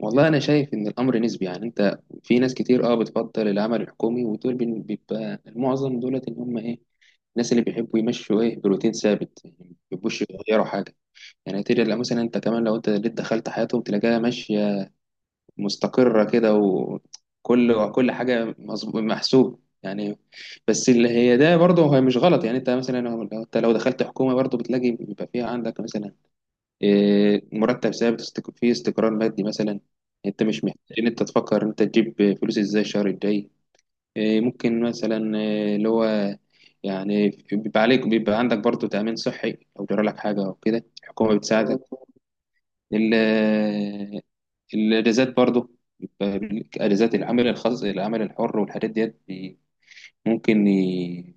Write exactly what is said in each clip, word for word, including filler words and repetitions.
والله انا شايف ان الامر نسبي. يعني انت في ناس كتير اه بتفضل العمل الحكومي، ودول بن- بيبقى المعظم دولت ان هم ايه، الناس اللي بيحبوا يمشوا ايه بروتين ثابت، يعني ما بيحبوش يغيروا حاجه. يعني تلاقي مثلا انت كمان لو انت اللي دخلت حياتهم تلاقيها ماشيه مستقره كده، وكل كل حاجه مظبو- محسوب يعني. بس اللي هي ده برضه هي مش غلط، يعني انت مثلا لو لو- انت لو دخلت حكومه برضه بتلاقي بيبقى فيها عندك مثلا إيه، مرتب ثابت، استك- فيه استقرار مادي مثلا، انت مش محتاج ان انت تفكر انت تجيب فلوس ازاي الشهر الجاي. إيه، ممكن مثلا إيه، اللي هو يعني بيبقى عليك بيبقى عندك برضه تأمين صحي، لو جرى لك حاجة أو كده الحكومة بتساعدك. ال- الأجازات برضه، بيبقى ليك أجازات. العمل الخاص، العمل الحر والحاجات ديت بي- ممكن ي-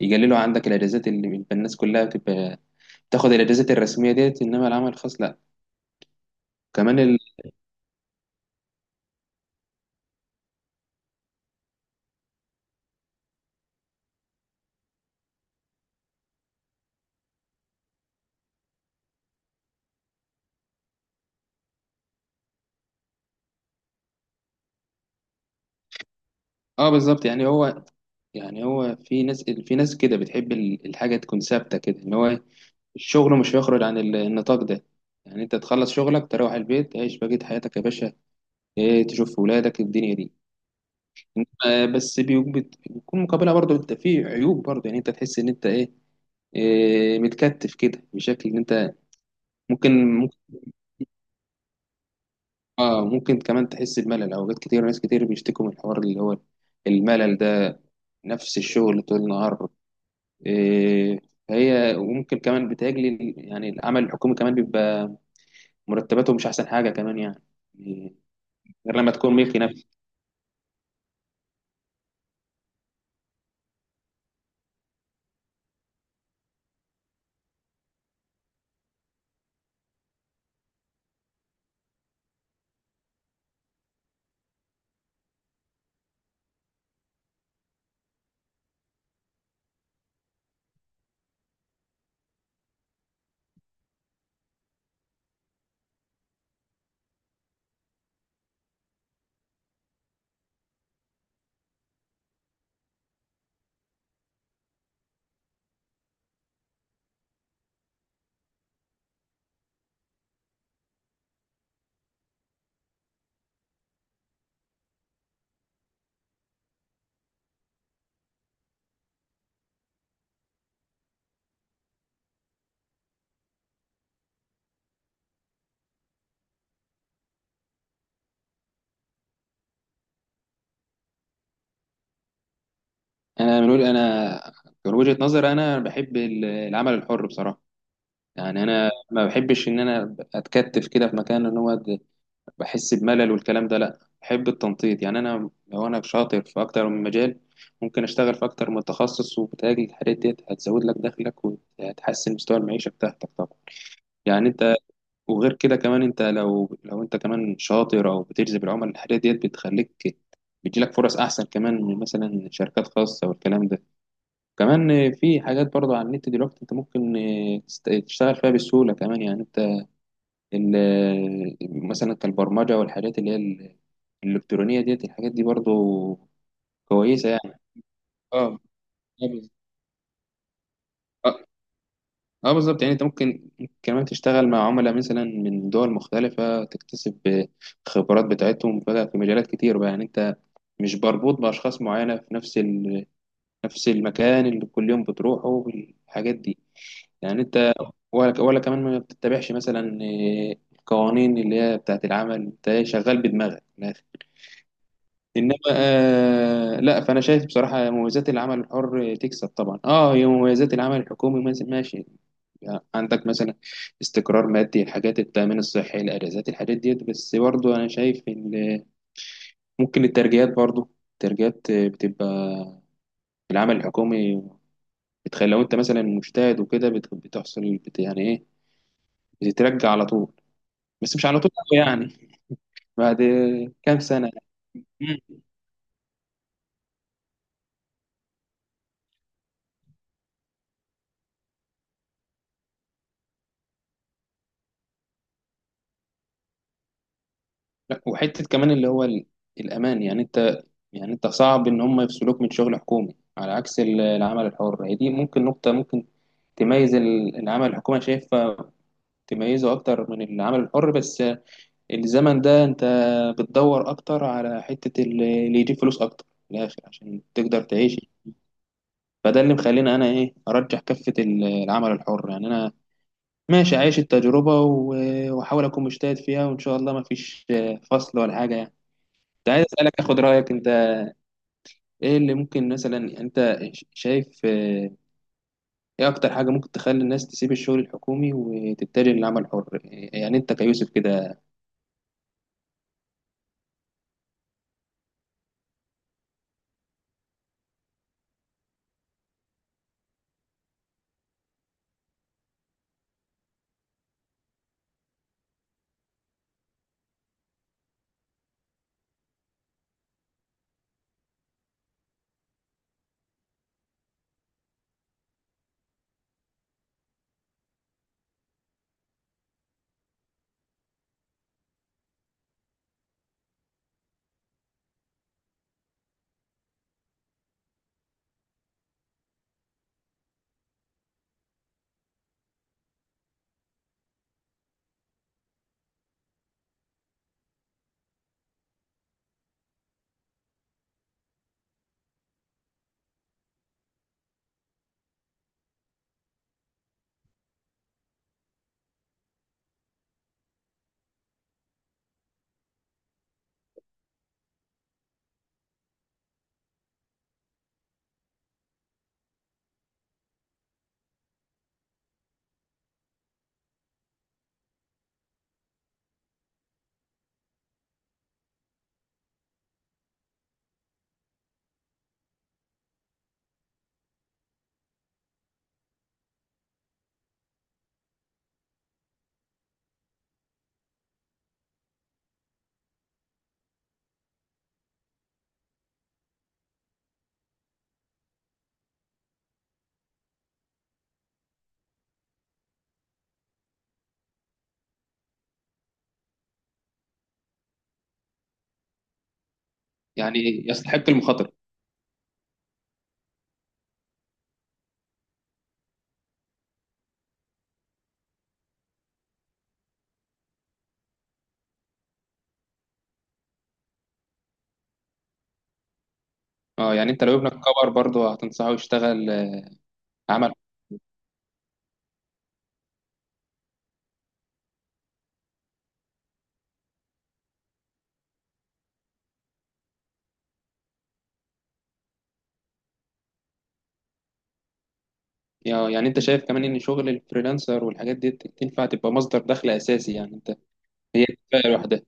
يقللوا عندك الأجازات، اللي بيبقى الناس كلها بتبقى تاخد الأجازات الرسمية ديت، إنما العمل الخاص لأ. كمان ال... اه بالظبط، يعني هو يعني هو في ناس في ناس كده بتحب ال- الحاجة تكون ثابتة كده، ان هو الشغل مش هيخرج عن ال- النطاق ده. يعني انت تخلص شغلك تروح البيت تعيش بقية حياتك يا باشا، ايه تشوف ولادك الدنيا دي. آه بس بي- بت- بيكون مقابلها برضه انت في عيوب برضه، يعني انت تحس ان انت ايه، إيه متكتف كده بشكل ان انت ممكن، ممكن اه ممكن كمان تحس بملل اوقات كتير. ناس كتير بيشتكوا من الحوار اللي هو الملل ده، نفس الشغل طول النهار. إيه، هي وممكن كمان بتهاجلي يعني العمل الحكومي كمان بيبقى مرتباته مش احسن حاجه كمان يعني، إيه، غير لما تكون ملكي نفسي. انا بنقول انا من وجهه نظري انا بحب ال- العمل الحر بصراحه. يعني انا ما بحبش ان انا اتكتف كده في مكان ان هو د- بحس بملل والكلام ده، لا بحب التنطيط. يعني انا لو انا شاطر في اكتر من مجال ممكن اشتغل في اكتر من تخصص، وبتهاجل الحاجات ديت هتزود لك دخلك وهتحسن مستوى المعيشه بتاعتك طبعا. يعني انت وغير كده كمان، انت لو لو انت كمان شاطر او بتجذب العملاء، الحاجات ديت بتخليك بتجيلك فرص احسن كمان من مثلا شركات خاصه والكلام ده. كمان في حاجات برضو على النت دلوقتي انت ممكن اه، تست- تشتغل فيها بسهوله كمان. يعني انت ال- مثلا كالبرمجه والحاجات اللي هي ال- الالكترونيه ديت، الحاجات دي برضو كويسه يعني. اه اه بالظبط، يعني انت ممكن كمان تشتغل مع عملاء مثلا من دول مختلفة، تكتسب خبرات بتاعتهم بقى في مجالات كتير بقى. يعني انت مش مربوط بأشخاص معينة في نفس ال... نفس المكان اللي كل يوم بتروحه والحاجات دي. يعني انت ولا ولا كمان ما بتتبعش مثلا آه، القوانين اللي هي بتاعت العمل، انت شغال بدماغك من الآخر. انما آه لا، فانا شايف بصراحه مميزات العمل الحر تكسب طبعا. اه هي مميزات العمل الحكومي ماشي، يعني عندك مثلا استقرار مادي، الحاجات، التأمين الصحي، الأجازات، الحاجات ديت، بس برضو أنا شايف إن ممكن الترجيات، برضو الترجيات بتبقى في العمل الحكومي بتخلي لو أنت مثلا مجتهد وكده بت- بتحصل بت يعني إيه، بتترجى على طول، بس مش على طول أوي يعني، بعد كام سنة. مم. لا، وحتة كمان اللي هو ال- الأمان، يعني أنت يعني أنت صعب إن هم يفصلوك من شغل حكومي، على عكس ال- العمل الحر. هي دي ممكن نقطة ممكن تميز ال- العمل الحكومي، شايفها تميزه اكتر من العمل الحر. بس الزمن ده انت بتدور اكتر على حتة ال- اللي يجيب فلوس اكتر من الاخر عشان تقدر تعيش. فده اللي مخليني انا ايه ارجح كفة ال- العمل الحر، يعني انا ماشي عايش التجربة و- واحاول اكون مجتهد فيها، وان شاء الله ما فيش فصل ولا حاجة يعني. كنت عايز اسالك اخد رايك انت، ايه اللي ممكن مثلا انت ش- شايف آه، ايه اكتر حاجة ممكن تخلي الناس تسيب الشغل الحكومي وتتجه للعمل الحر، يعني انت كيوسف كده. يعني يستحق المخاطرة. اه، يعني انت لو ابنك كبر برضه هتنصحه يشتغل آه، عمل. آه، يعني انت شايف كمان ان شغل الفريلانسر والحاجات دي تنفع تبقى مصدر دخل اساسي، يعني انت هي كفايه لوحدها.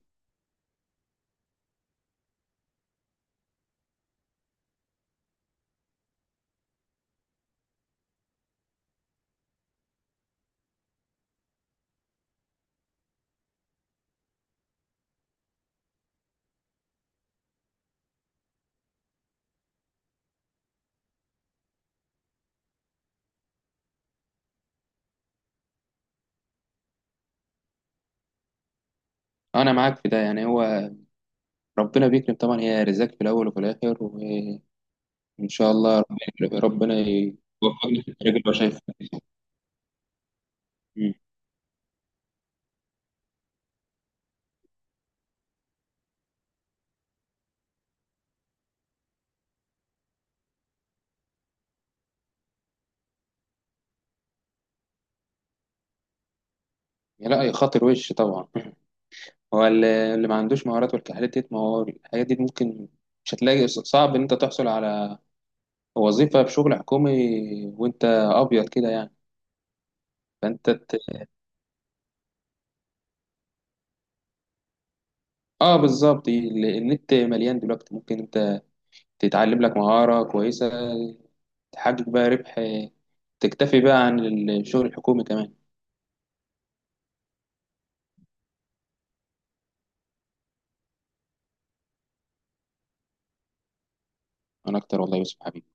انا معاك في ده، يعني هو ربنا بيكرم طبعا، هي رزاق في الاول وفي الاخر، وان شاء الله ربنا ربنا يوفقني في الطريق اللي هو شايفه. مم. لا يا خاطر وش طبعا هو اللي اللي ما عندوش مهارات والحاجات دي، ما هو الحاجات دي ممكن، مش هتلاقي صعب ان انت تحصل على وظيفه في شغل حكومي وانت ابيض كده يعني، فانت اه بالظبط. ال- النت مليان دلوقتي، ممكن انت تتعلم لك مهارة كويسة، تحقق بقى ربح، تكتفي بقى عن الشغل الحكومي كمان. انا اكتر والله يا يوسف حبيبي.